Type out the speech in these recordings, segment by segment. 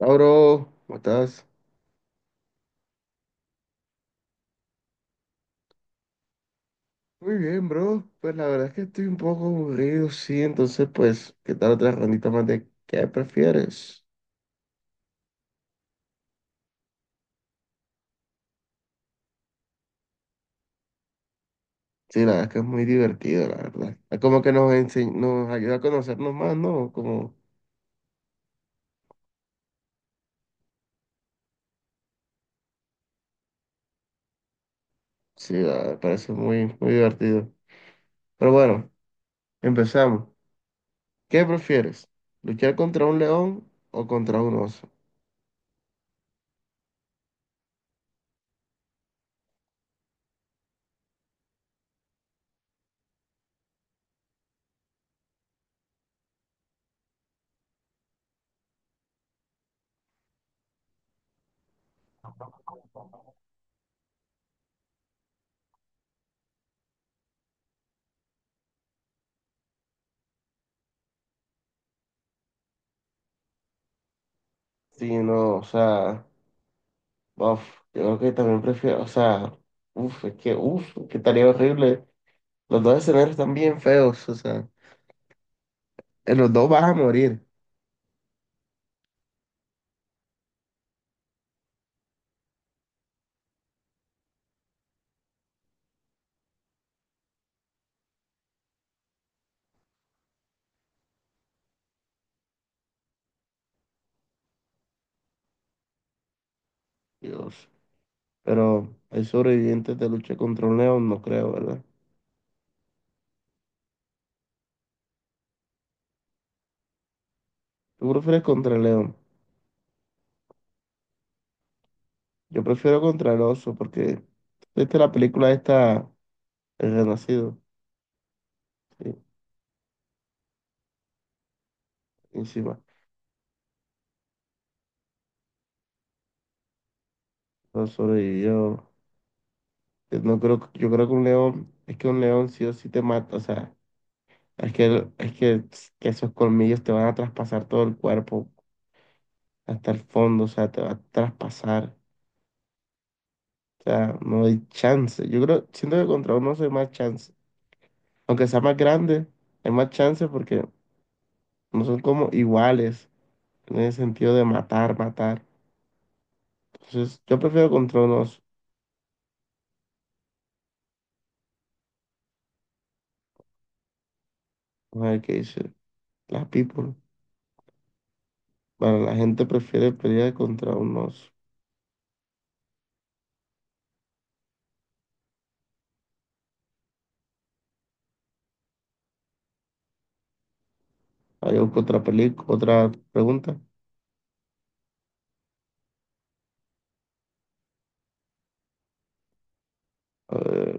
Ah, bro, ¿cómo estás? Muy bien, bro. Pues la verdad es que estoy un poco aburrido, sí. Entonces, pues, ¿qué tal otra rondita más de qué prefieres? Sí, la verdad es que es muy divertido, la verdad. Es como que nos ayuda a conocernos más, ¿no? Como, sí, la verdad, me parece muy, muy divertido. Pero bueno, empezamos. ¿Qué prefieres? ¿Luchar contra un león o contra un oso? Sí, no, o sea, uf, yo creo que también prefiero, o sea, uf, es que, uf, que estaría horrible. Los dos escenarios están bien feos, o sea, en los dos vas a morir, Dios. Pero hay sobrevivientes de lucha contra un león, no creo, ¿verdad? ¿Tú prefieres contra el león? Yo prefiero contra el oso, porque viste la película esta, El Renacido, sí, encima. No sobrevivió. No creo, yo creo que un león, es que un león sí o sí te mata, o sea, es que, es que esos colmillos te van a traspasar todo el cuerpo hasta el fondo, o sea, te va a traspasar. O sea, no hay chance. Yo creo, siento que contra unos hay más chance. Aunque sea más grande, hay más chance porque no son como iguales en el sentido de matar, matar. Entonces, yo prefiero contra unos. Vamos a ver qué dice. Las people. Bueno, la gente prefiere pelear contra unos. Hay otra película, otra pregunta. Eh,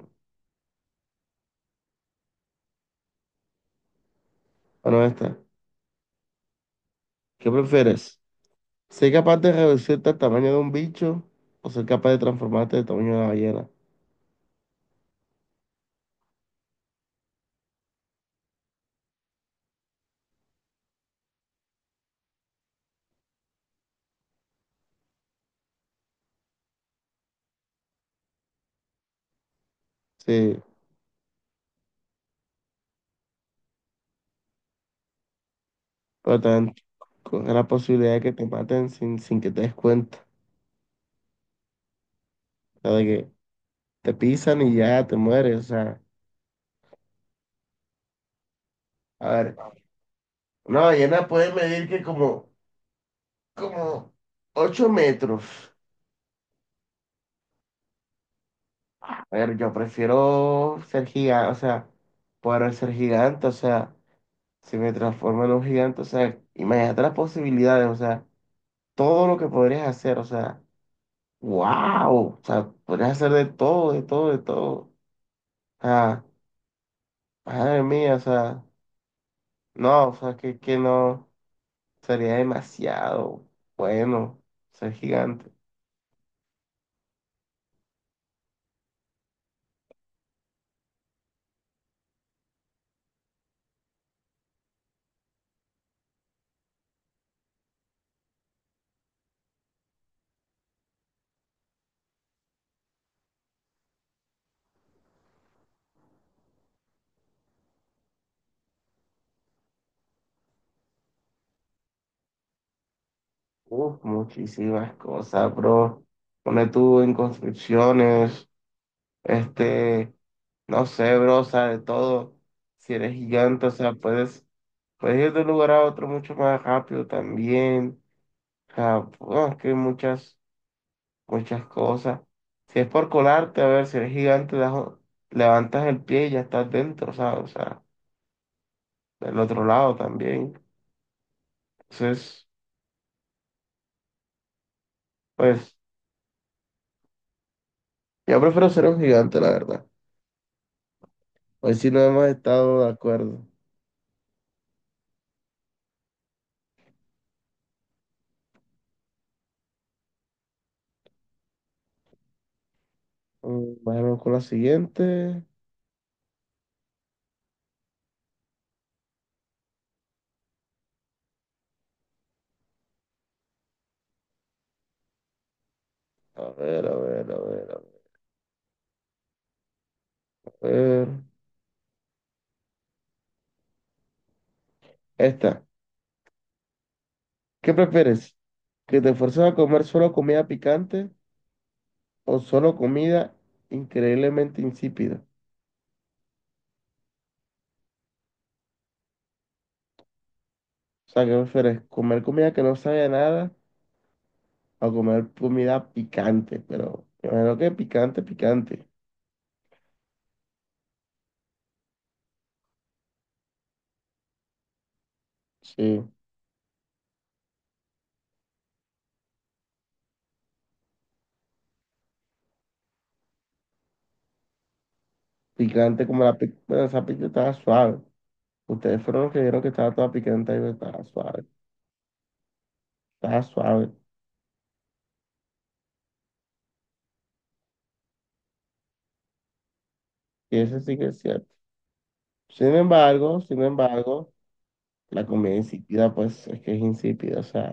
bueno, esta. ¿Qué prefieres? ¿Ser capaz de reducirte al tamaño de un bicho o ser capaz de transformarte del tamaño de una ballena? Sí, pero también con la posibilidad de que te maten sin que te des cuenta. O sea, de que te pisan y ya te mueres. O sea, a ver, una ballena puede medir que como, como 8 metros. A ver, yo prefiero ser gigante, o sea, poder ser gigante, o sea, si me transformo en un gigante, o sea, imagínate las posibilidades, o sea, todo lo que podrías hacer, o sea, wow, o sea, podrías hacer de todo, de todo, de todo. O sea, madre mía, o sea, no, o sea, que no. Sería demasiado bueno ser gigante. Uf, muchísimas cosas, bro. Pone tú en construcciones, este, no sé, bro, o sea, de todo. Si eres gigante, o sea, puedes, puedes ir de un lugar a otro mucho más rápido también. O sea, bueno, es que hay muchas, muchas cosas. Si es por colarte, a ver, si eres gigante, levantas el pie y ya estás dentro, ¿sabes? O sea, del otro lado también. Entonces, pues. Yo prefiero ser un gigante, la verdad. Hoy sí no hemos estado de acuerdo. Mm, vamos con la siguiente. A ver, a ver, a ver, a ver. Esta. ¿Qué prefieres? ¿Que te fuerces a comer solo comida picante o solo comida increíblemente insípida? O sea, ¿qué prefieres? ¿Comer comida que no sabe a nada o comer comida picante? Pero me imagino que picante, picante. Sí, picante como bueno, esa pizza estaba suave. Ustedes fueron los que vieron que estaba toda picante y estaba suave. Está suave. Y eso sí que es cierto. Sin embargo, la comida insípida, pues es que es insípida. O sea,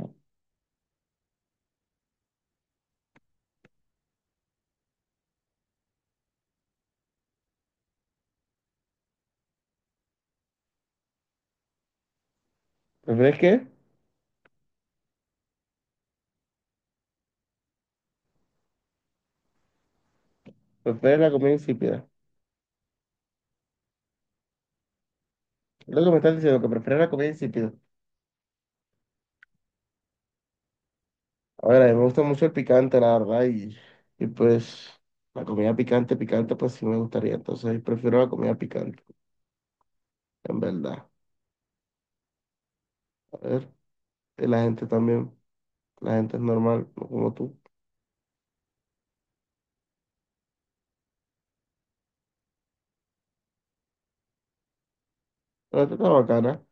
¿prefieres qué? ¿Prefieres la comida insípida? Es lo que me estás diciendo, que prefieres la comida insípida. A ver, a mí me gusta mucho el picante, la verdad, y pues la comida picante, picante, pues sí me gustaría. Entonces, prefiero la comida picante, en verdad. A ver, y la gente también, la gente es normal, no como tú. Pero tú estás bacana.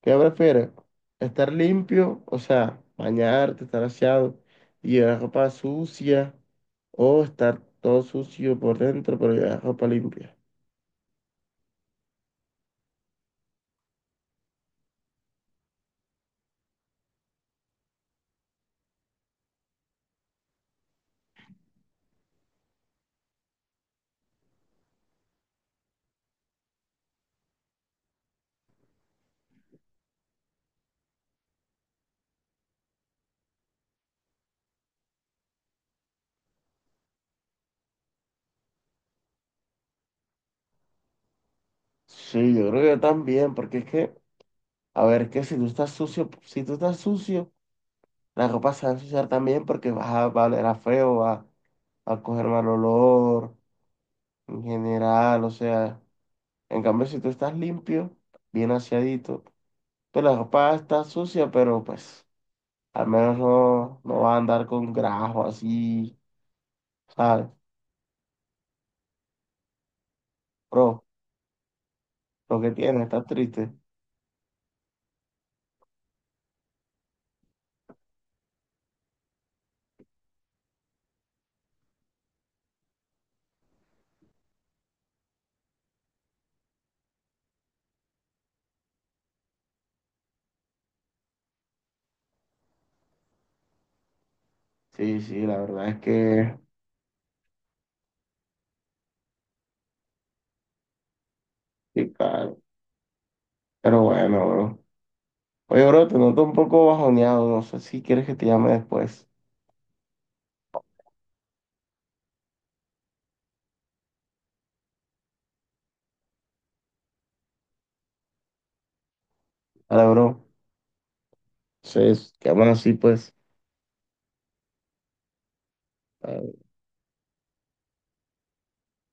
¿Qué prefieres? ¿Estar limpio, o sea, bañarte, estar aseado y llevar ropa sucia o estar todo sucio por dentro pero llevar ropa limpia? Sí, yo creo que yo también, porque es que, a ver, que si tú estás sucio, si tú estás sucio, la ropa se va a ensuciar también porque va a oler a feo, va, va a coger mal olor en general, o sea, en cambio si tú estás limpio, bien aseadito, pues la ropa está sucia, pero pues... Al menos no vas a andar con grajo así, ¿sabes? Bro, lo que tienes, estás triste. Sí, sí, la verdad es que sí, claro. Pero bueno, bro. Oye, bro, te noto un poco bajoneado. No sé si quieres que te llame después. Vale, bro. Entonces, quedamos así, pues.